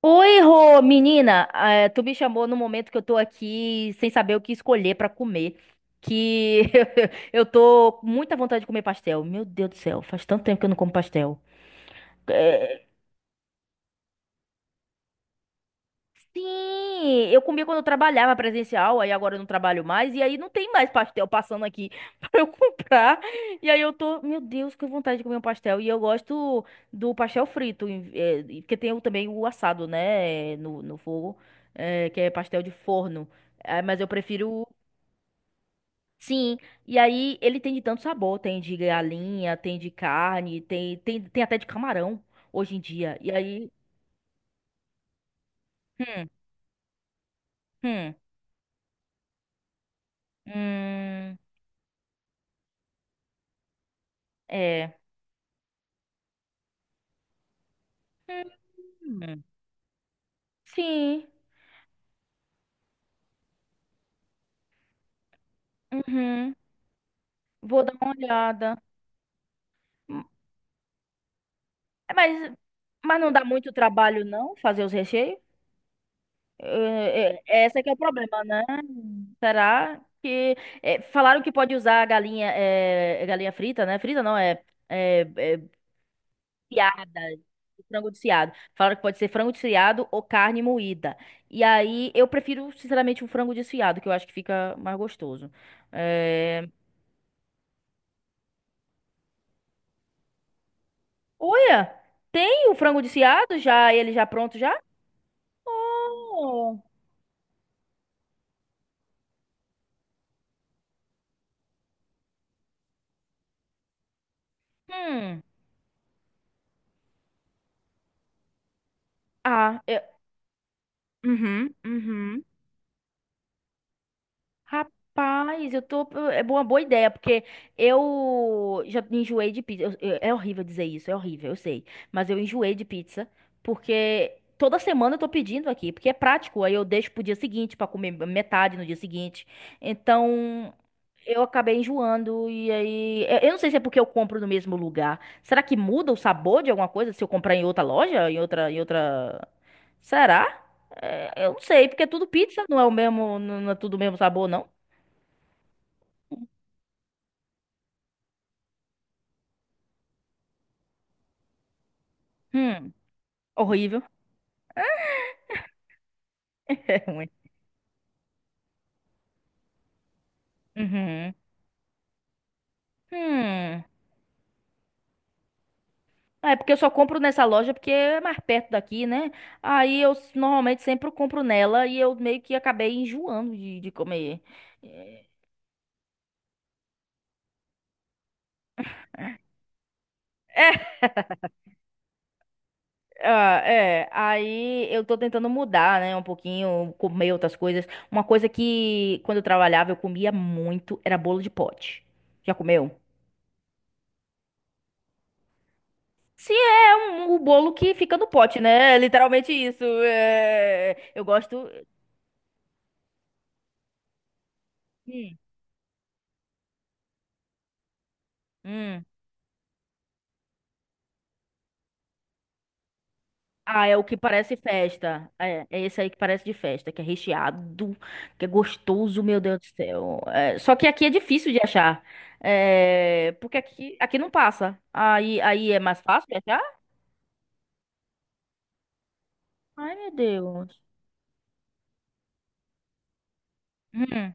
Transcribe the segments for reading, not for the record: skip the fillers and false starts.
Oi, Rô, menina, tu me chamou no momento que eu tô aqui sem saber o que escolher pra comer, que eu tô com muita vontade de comer pastel. Meu Deus do céu, faz tanto tempo que eu não como pastel. É. Sim, eu comia quando eu trabalhava presencial, aí agora eu não trabalho mais, e aí não tem mais pastel passando aqui pra eu comprar. E aí eu tô, meu Deus, que vontade de comer um pastel. E eu gosto do pastel frito, porque tem também o assado, né, no fogo, que é pastel de forno. É, mas eu prefiro. Sim. E aí ele tem de tanto sabor, tem de galinha, tem de carne, tem até de camarão hoje em dia. E aí, hum, hum, hum, é. Hum, hum. Sim. Uhum. Vou dar uma olhada. Hum. Mas, mas não dá muito trabalho, não, fazer os recheios? Esse é que é o problema, né? Será que... falaram que pode usar a galinha, galinha frita, né? Frita não, é, desfiada, frango desfiado. Falaram que pode ser frango desfiado ou carne moída. E aí, eu prefiro, sinceramente, o frango desfiado, que eu acho que fica mais gostoso. É. Olha, tem o frango desfiado já, ele já pronto já? Oh. Hum. Ah. Uhum, uhum. Rapaz, eu tô. É uma boa ideia, porque eu já enjoei de pizza. É horrível dizer isso, é horrível, eu sei. Mas eu enjoei de pizza, porque toda semana eu tô pedindo aqui, porque é prático. Aí eu deixo pro dia seguinte pra comer metade no dia seguinte. Então. Eu acabei enjoando e aí. Eu não sei se é porque eu compro no mesmo lugar. Será que muda o sabor de alguma coisa se eu comprar em outra loja? Será? É. Eu não sei, porque é tudo pizza, não é o mesmo, não é tudo o mesmo sabor, não. Hum, horrível. É ruim. Uhum. Hum. É porque eu só compro nessa loja porque é mais perto daqui, né? Aí eu normalmente sempre compro nela e eu meio que acabei enjoando de comer. É, é, ah, é. Aí eu tô tentando mudar, né? Um pouquinho, comer outras coisas. Uma coisa que quando eu trabalhava eu comia muito era bolo de pote. Já comeu? Se é um, o bolo que fica no pote, né? É literalmente isso. É, eu gosto. Hum. Hum. Ah, é o que parece festa. É, é esse aí que parece de festa, que é recheado, que é gostoso, meu Deus do céu. É, só que aqui é difícil de achar. É, porque aqui, não passa. Aí é mais fácil de achar? Ai, meu Deus. Hum.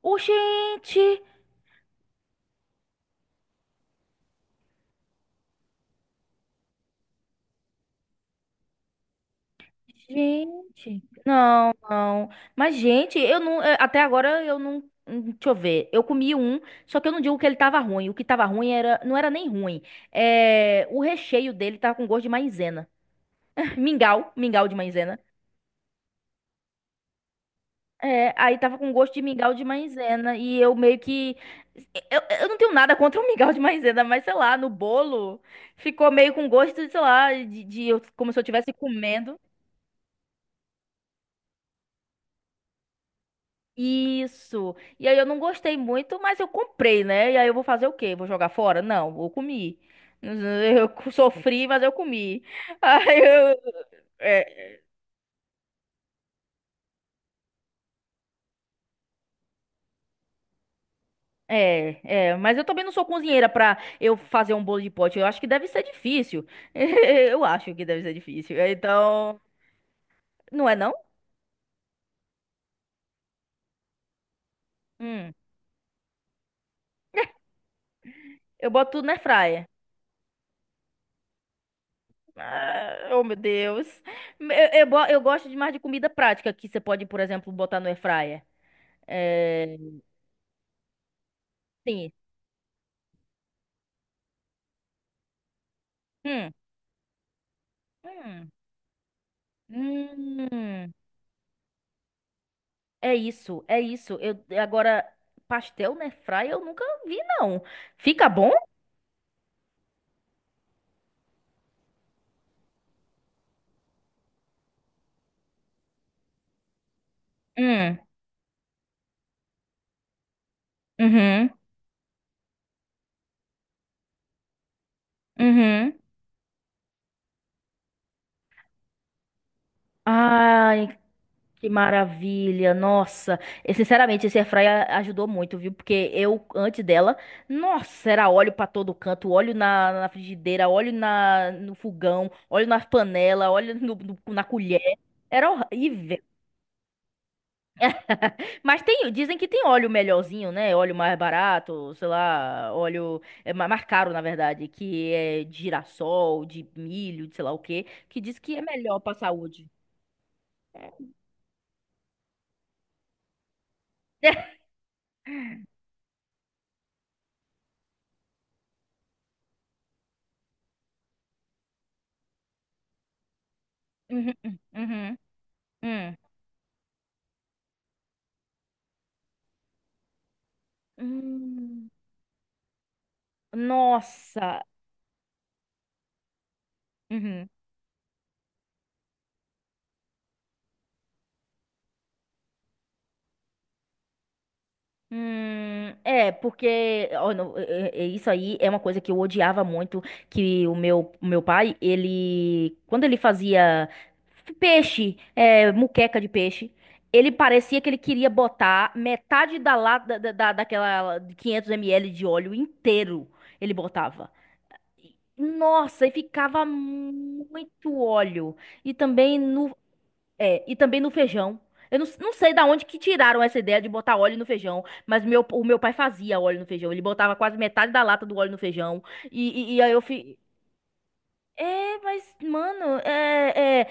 Ô, gente! Gente. Não, não. Mas, gente, eu não. Até agora eu não. Deixa eu ver. Eu comi um, só que eu não digo que ele tava ruim. O que tava ruim era, não era nem ruim. É, o recheio dele tava com gosto de maisena. Mingau, mingau de maisena. É, aí tava com gosto de mingau de maisena e eu meio que eu não tenho nada contra o mingau de maisena, mas sei lá, no bolo ficou meio com gosto, sei lá, de como se eu estivesse comendo. Isso. E aí eu não gostei muito, mas eu comprei, né? E aí eu vou fazer o quê? Vou jogar fora? Não, eu comi. Eu sofri, mas eu comi. Aí eu, é, É, mas eu também não sou cozinheira pra eu fazer um bolo de pote. Eu acho que deve ser difícil. Eu acho que deve ser difícil. Então, não é não? Hum, eu boto tudo na air fryer. Ah, oh, meu Deus. Eu, eu gosto demais de comida prática que você pode, por exemplo, botar no air fryer. É. Sim. Hum, hum, hum. É isso, é isso. Eu agora pastel na air fryer eu nunca vi não. Fica bom? Hum, uhum, uhum. Ai, que maravilha. Nossa. E, sinceramente, esse air ajudou muito, viu? Porque eu, antes dela, nossa, era óleo pra todo canto, óleo na frigideira, óleo na, no fogão, óleo na panela, óleo na colher. Era horrível. Mas tem, dizem que tem óleo melhorzinho, né? Óleo mais barato, sei lá, óleo é, mais caro, na verdade, que é de girassol, de milho, de sei lá o quê, que diz que é melhor pra saúde. Uhum, uhum, uhum. Hum, nossa. Uhum. Porque ó, não, é isso aí é uma coisa que eu odiava muito, que o meu pai, ele, quando ele fazia peixe, muqueca de peixe, ele parecia que ele queria botar metade da lata, daquela 500 ml de óleo inteiro, ele botava. Nossa, e ficava muito óleo. E também no, É, e também no feijão. Eu não, não sei da onde que tiraram essa ideia de botar óleo no feijão, mas o meu pai fazia óleo no feijão. Ele botava quase metade da lata do óleo no feijão. E, e, e aí eu fi... É, mas, mano,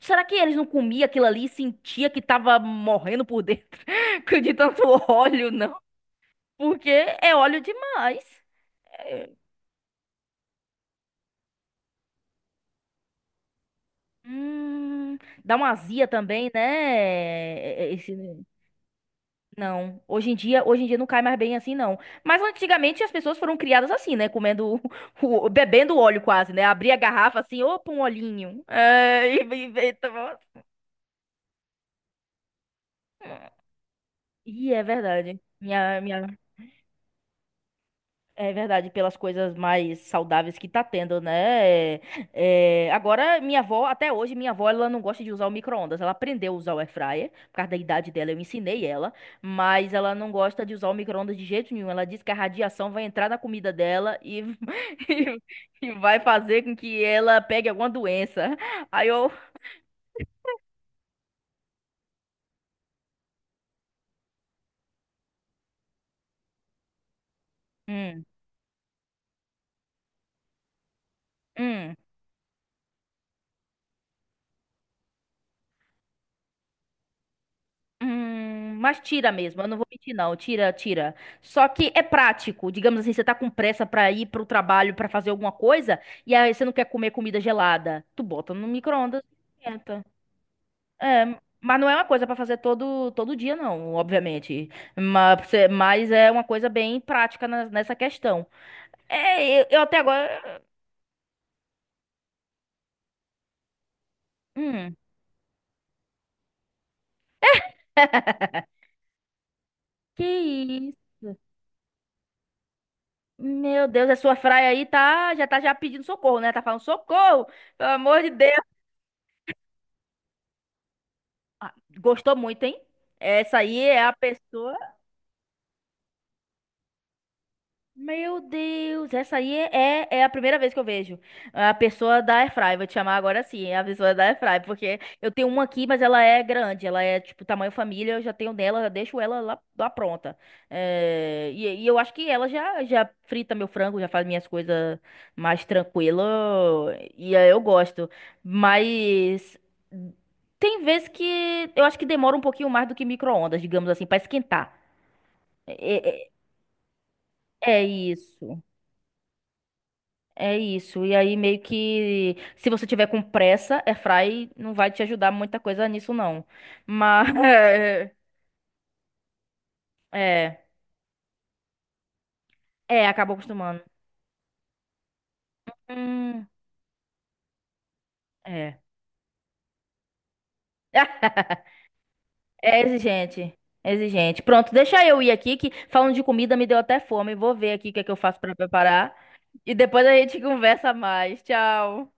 Será que eles não comiam aquilo ali e sentia que tava morrendo por dentro de tanto óleo, não? Porque é óleo demais. É, hum, dá uma azia também, né? É, é, Não, hoje em dia não cai mais bem assim, não. Mas antigamente as pessoas foram criadas assim, né? Comendo, bebendo óleo quase, né? Abria a garrafa assim, opa, um olhinho. É, e, tomava. Ih, é verdade. Minha É verdade, pelas coisas mais saudáveis que tá tendo, né? É, agora, minha avó, até hoje, minha avó, ela não gosta de usar o micro-ondas. Ela aprendeu a usar o air fryer, por causa da idade dela, eu ensinei ela, mas ela não gosta de usar o micro-ondas de jeito nenhum. Ela diz que a radiação vai entrar na comida dela e, e vai fazer com que ela pegue alguma doença. Aí eu. Hum, hum. Mas tira mesmo, eu não vou mentir não, tira, tira. Só que é prático, digamos assim, você tá com pressa pra ir pro trabalho, pra fazer alguma coisa, e aí você não quer comer comida gelada, tu bota no micro-ondas e esquenta. É, mas não é uma coisa pra fazer todo todo dia não, obviamente. Mas, mas é uma coisa bem prática nessa questão. É, eu até agora, hum, que isso? Meu Deus, a sua fraia aí tá já pedindo socorro, né? Tá falando socorro, pelo amor de Deus. Ah, gostou muito, hein? Essa aí é a pessoa. Meu Deus, essa aí é a primeira vez que eu vejo. A pessoa da Airfry, vou te chamar agora sim, é a pessoa da Airfry, porque eu tenho uma aqui, mas ela é grande, ela é tipo tamanho família, eu já tenho dela, eu deixo ela lá pronta. É, e eu acho que ela já frita meu frango, já faz minhas coisas mais tranquilo, e aí eu gosto. Mas tem vezes que eu acho que demora um pouquinho mais do que micro-ondas, digamos assim, pra esquentar. é é- é isso. É isso. E aí, meio que, se você tiver com pressa, airfry não vai te ajudar muita coisa nisso, não. Mas, é, é, acabou acostumando. Hum, é. É exigente. É exigente. Pronto, deixa eu ir aqui, que falando de comida me deu até fome. Vou ver aqui o que é que eu faço pra preparar. E depois a gente conversa mais. Tchau.